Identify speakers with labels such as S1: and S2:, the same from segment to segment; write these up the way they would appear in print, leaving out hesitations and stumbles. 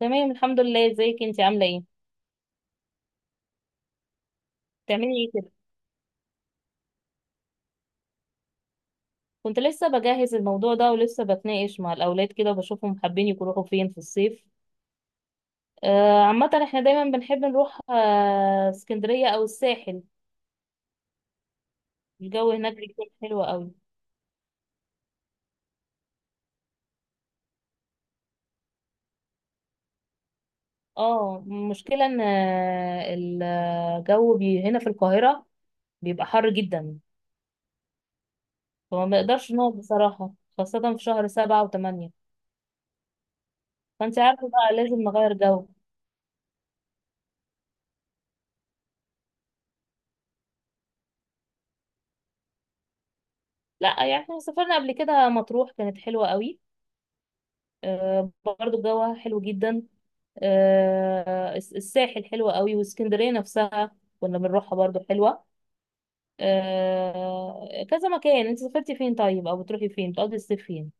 S1: تمام، الحمد لله. ازيك انت، عامله ايه؟ بتعملي ايه كده؟ كنت لسه بجهز الموضوع ده ولسه بتناقش مع الاولاد كده وبشوفهم حابين يروحوا فين في الصيف. عامه احنا دايما بنحب نروح اسكندريه او الساحل. الجو هناك بيكون حلو قوي. اه، المشكله ان الجو هنا في القاهره بيبقى حر جدا، فما بنقدرش نقعد بصراحه، خاصه في شهر 7 و8. فانت عارفه بقى لازم نغير جو. لا يعني احنا سافرنا قبل كده مطروح، كانت حلوه قوي. برضو جوها حلو جدا. الساحل حلوة قوي، واسكندرية نفسها كنا بنروحها برضو حلوة. كذا مكان. انت سافرتي فين طيب؟ او بتروحي فين؟ بتقضي الصيف فين؟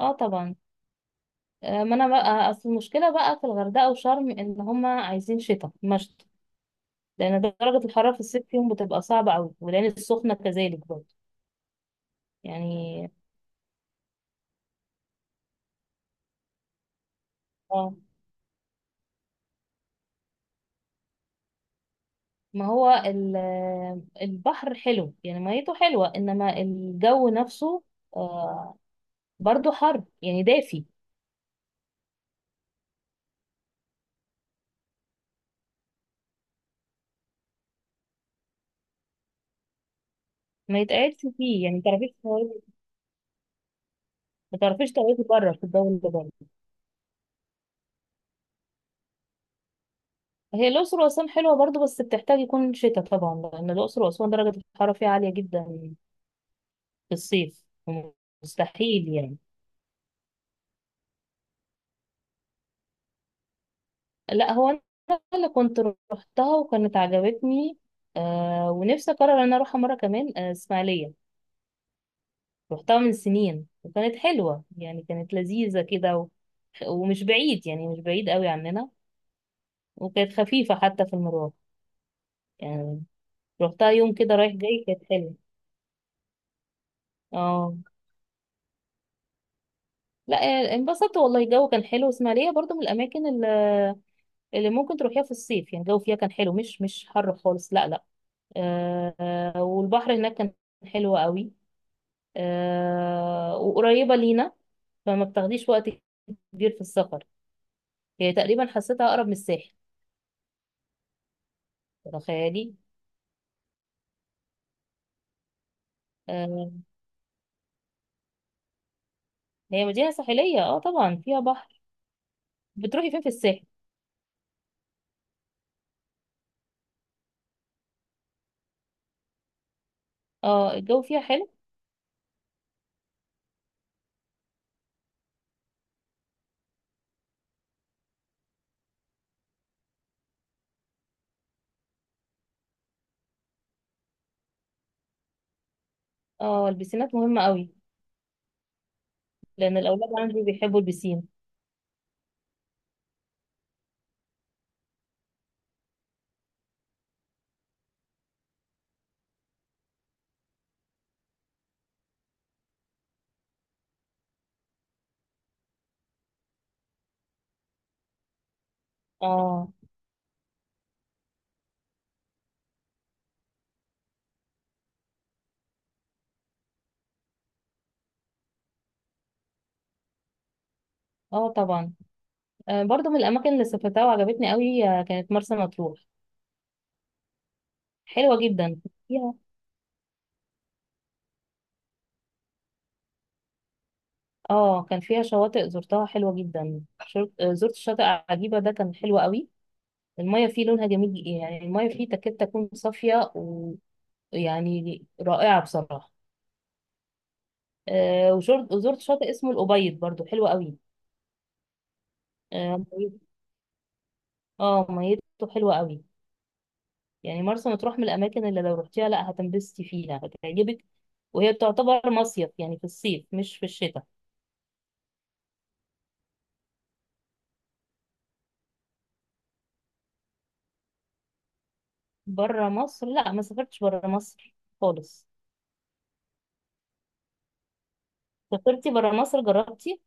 S1: اه طبعا. ما انا بقى اصل المشكلة بقى في الغردقة وشرم ان هما عايزين شتاء مشط، لان درجة الحرارة في الصيف فيهم بتبقى صعبة قوي، والعين السخنة كذلك برضو. يعني اه، ما هو ال- البحر حلو، يعني ميته حلوة، إنما الجو نفسه آه، برضو حر يعني، دافي. ما يتقعدش فيه، يعني ما تعرفيش تقعدي بره في الجو اللي بره. هي الأقصر وأسوان حلوة برضو، بس بتحتاج يكون شتاء طبعا، لأن الأقصر وأسوان درجة الحرارة فيها عالية جدا في الصيف. مستحيل يعني. لا، هو أنا اللي كنت روحتها وكانت عجبتني، آه، ونفسي أقرر إن أنا أروحها مرة كمان. آه إسماعيلية، رحتها من سنين وكانت حلوة، يعني كانت لذيذة كده، و... ومش بعيد، يعني مش بعيد قوي عننا، وكانت خفيفة حتى في المرور، يعني رحتها يوم كده رايح جاي، كانت حلوة. اه لا، انبسطت والله. الجو كان حلو، اسماعيلية برضو من الأماكن اللي ممكن تروحيها في الصيف، يعني الجو فيها كان حلو، مش حر خالص، لا لا. والبحر هناك كان حلو قوي، آه، وقريبة لينا، فما بتاخديش وقت كبير في السفر. هي تقريبا حسيتها أقرب من الساحل، تخيلي. آه، هي مدينة ساحلية، اه طبعا فيها بحر. بتروحي فين في الساحل؟ اه الجو فيها حلو. اه البسينات مهمة قوي لأن الأولاد عندي بيحبوا البسين. اه اه طبعا. برضو من الأماكن اللي سافرتها وعجبتني قوي، كانت مرسى مطروح. حلوة جدا، فيها اه كان فيها شواطئ زرتها حلوة جدا، زرت شاطئ عجيبة، ده كان حلو قوي. المية فيه لونها جميل، يعني المية فيه تكاد تكون صافية، ويعني رائعة بصراحة. وزرت شاطئ اسمه الأبيض، برضو حلو قوي. اه ميته حلوه قوي. يعني مرسى مطروح من الاماكن اللي لو رحتيها، لا هتنبسطي فيها، هتعجبك. وهي بتعتبر مصيف، يعني في الصيف مش في الشتاء. بره مصر؟ لا، ما سافرتش بره مصر خالص. سافرتي بره مصر؟ جربتي؟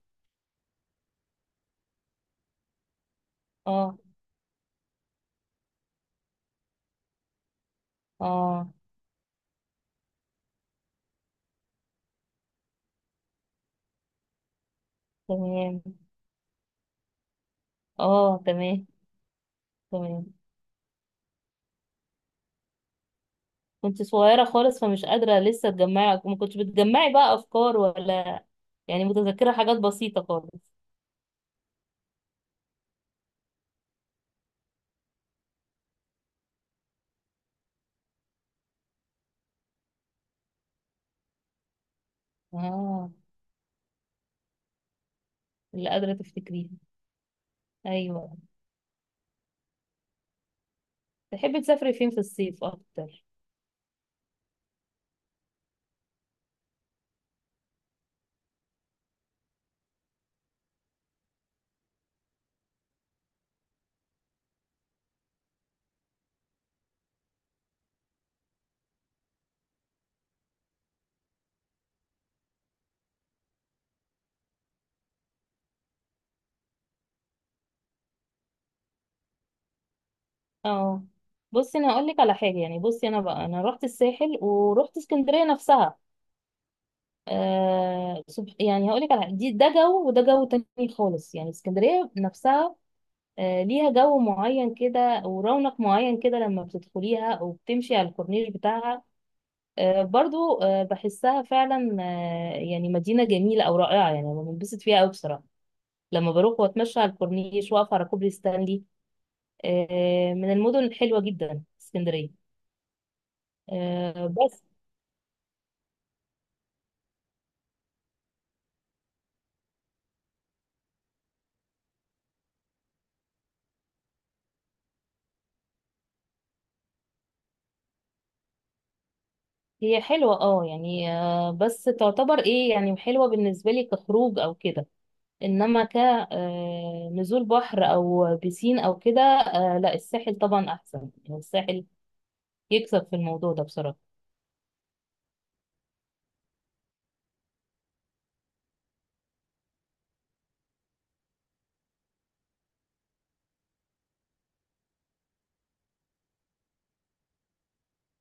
S1: اه اه، تمام. اه تمام. تمام. كنت صغيره خالص، فمش قادره لسه تجمعي، ما كنتش بتجمعي بقى افكار ولا، يعني متذكره حاجات بسيطه خالص. اه. اللي قادره تفتكريها. ايوه. تحبي تسافري فين في الصيف اكتر؟ اه، بصي انا هقول لك على حاجه، يعني بصي انا بقى، انا رحت الساحل ورحت اسكندريه نفسها. يعني هقول لك على حاجة. ده جو وده جو تاني خالص، يعني اسكندريه نفسها آه ليها جو معين كده ورونق معين كده، لما بتدخليها او بتمشي على الكورنيش بتاعها آه برضو آه بحسها فعلا، آه يعني مدينه جميله او رائعه. يعني أنا بنبسط فيها قوي بصراحه لما بروح واتمشى على الكورنيش، واقف على كوبري ستانلي. من المدن الحلوه جدا اسكندريه، بس. هي حلوة اه يعني، بس تعتبر ايه يعني، حلوة بالنسبة لي كخروج او كده. انما كنزول بحر او بيسين او كده، لا الساحل طبعا احسن. يعني الساحل يكسب في الموضوع ده بصراحة.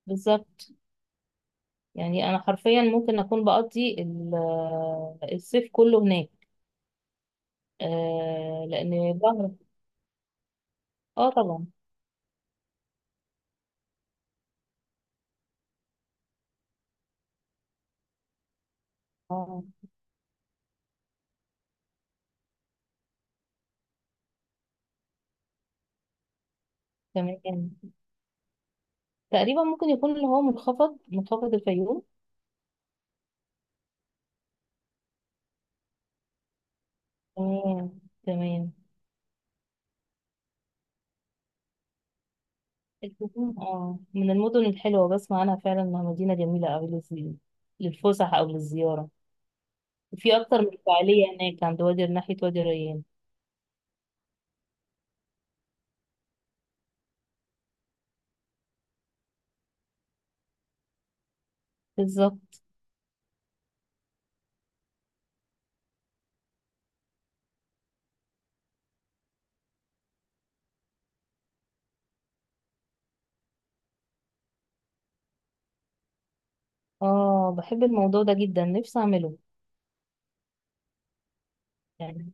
S1: بالظبط. يعني انا حرفيا ممكن اكون بقضي الصيف كله هناك، لان بحر. اه طبعا. اه تمام. تقريبا ممكن يكون اللي هو منخفض الفيوم. تمام. تمام. الفيوم اه من المدن الحلوة، بسمع عنها فعلا انها مدينة جميلة اوي للفسح او للزيارة. وفي اكتر من فعالية هناك عند وادي، ناحية وادي ريان. بالظبط. اه بحب الموضوع ده جدا، نفسي اعمله يعني.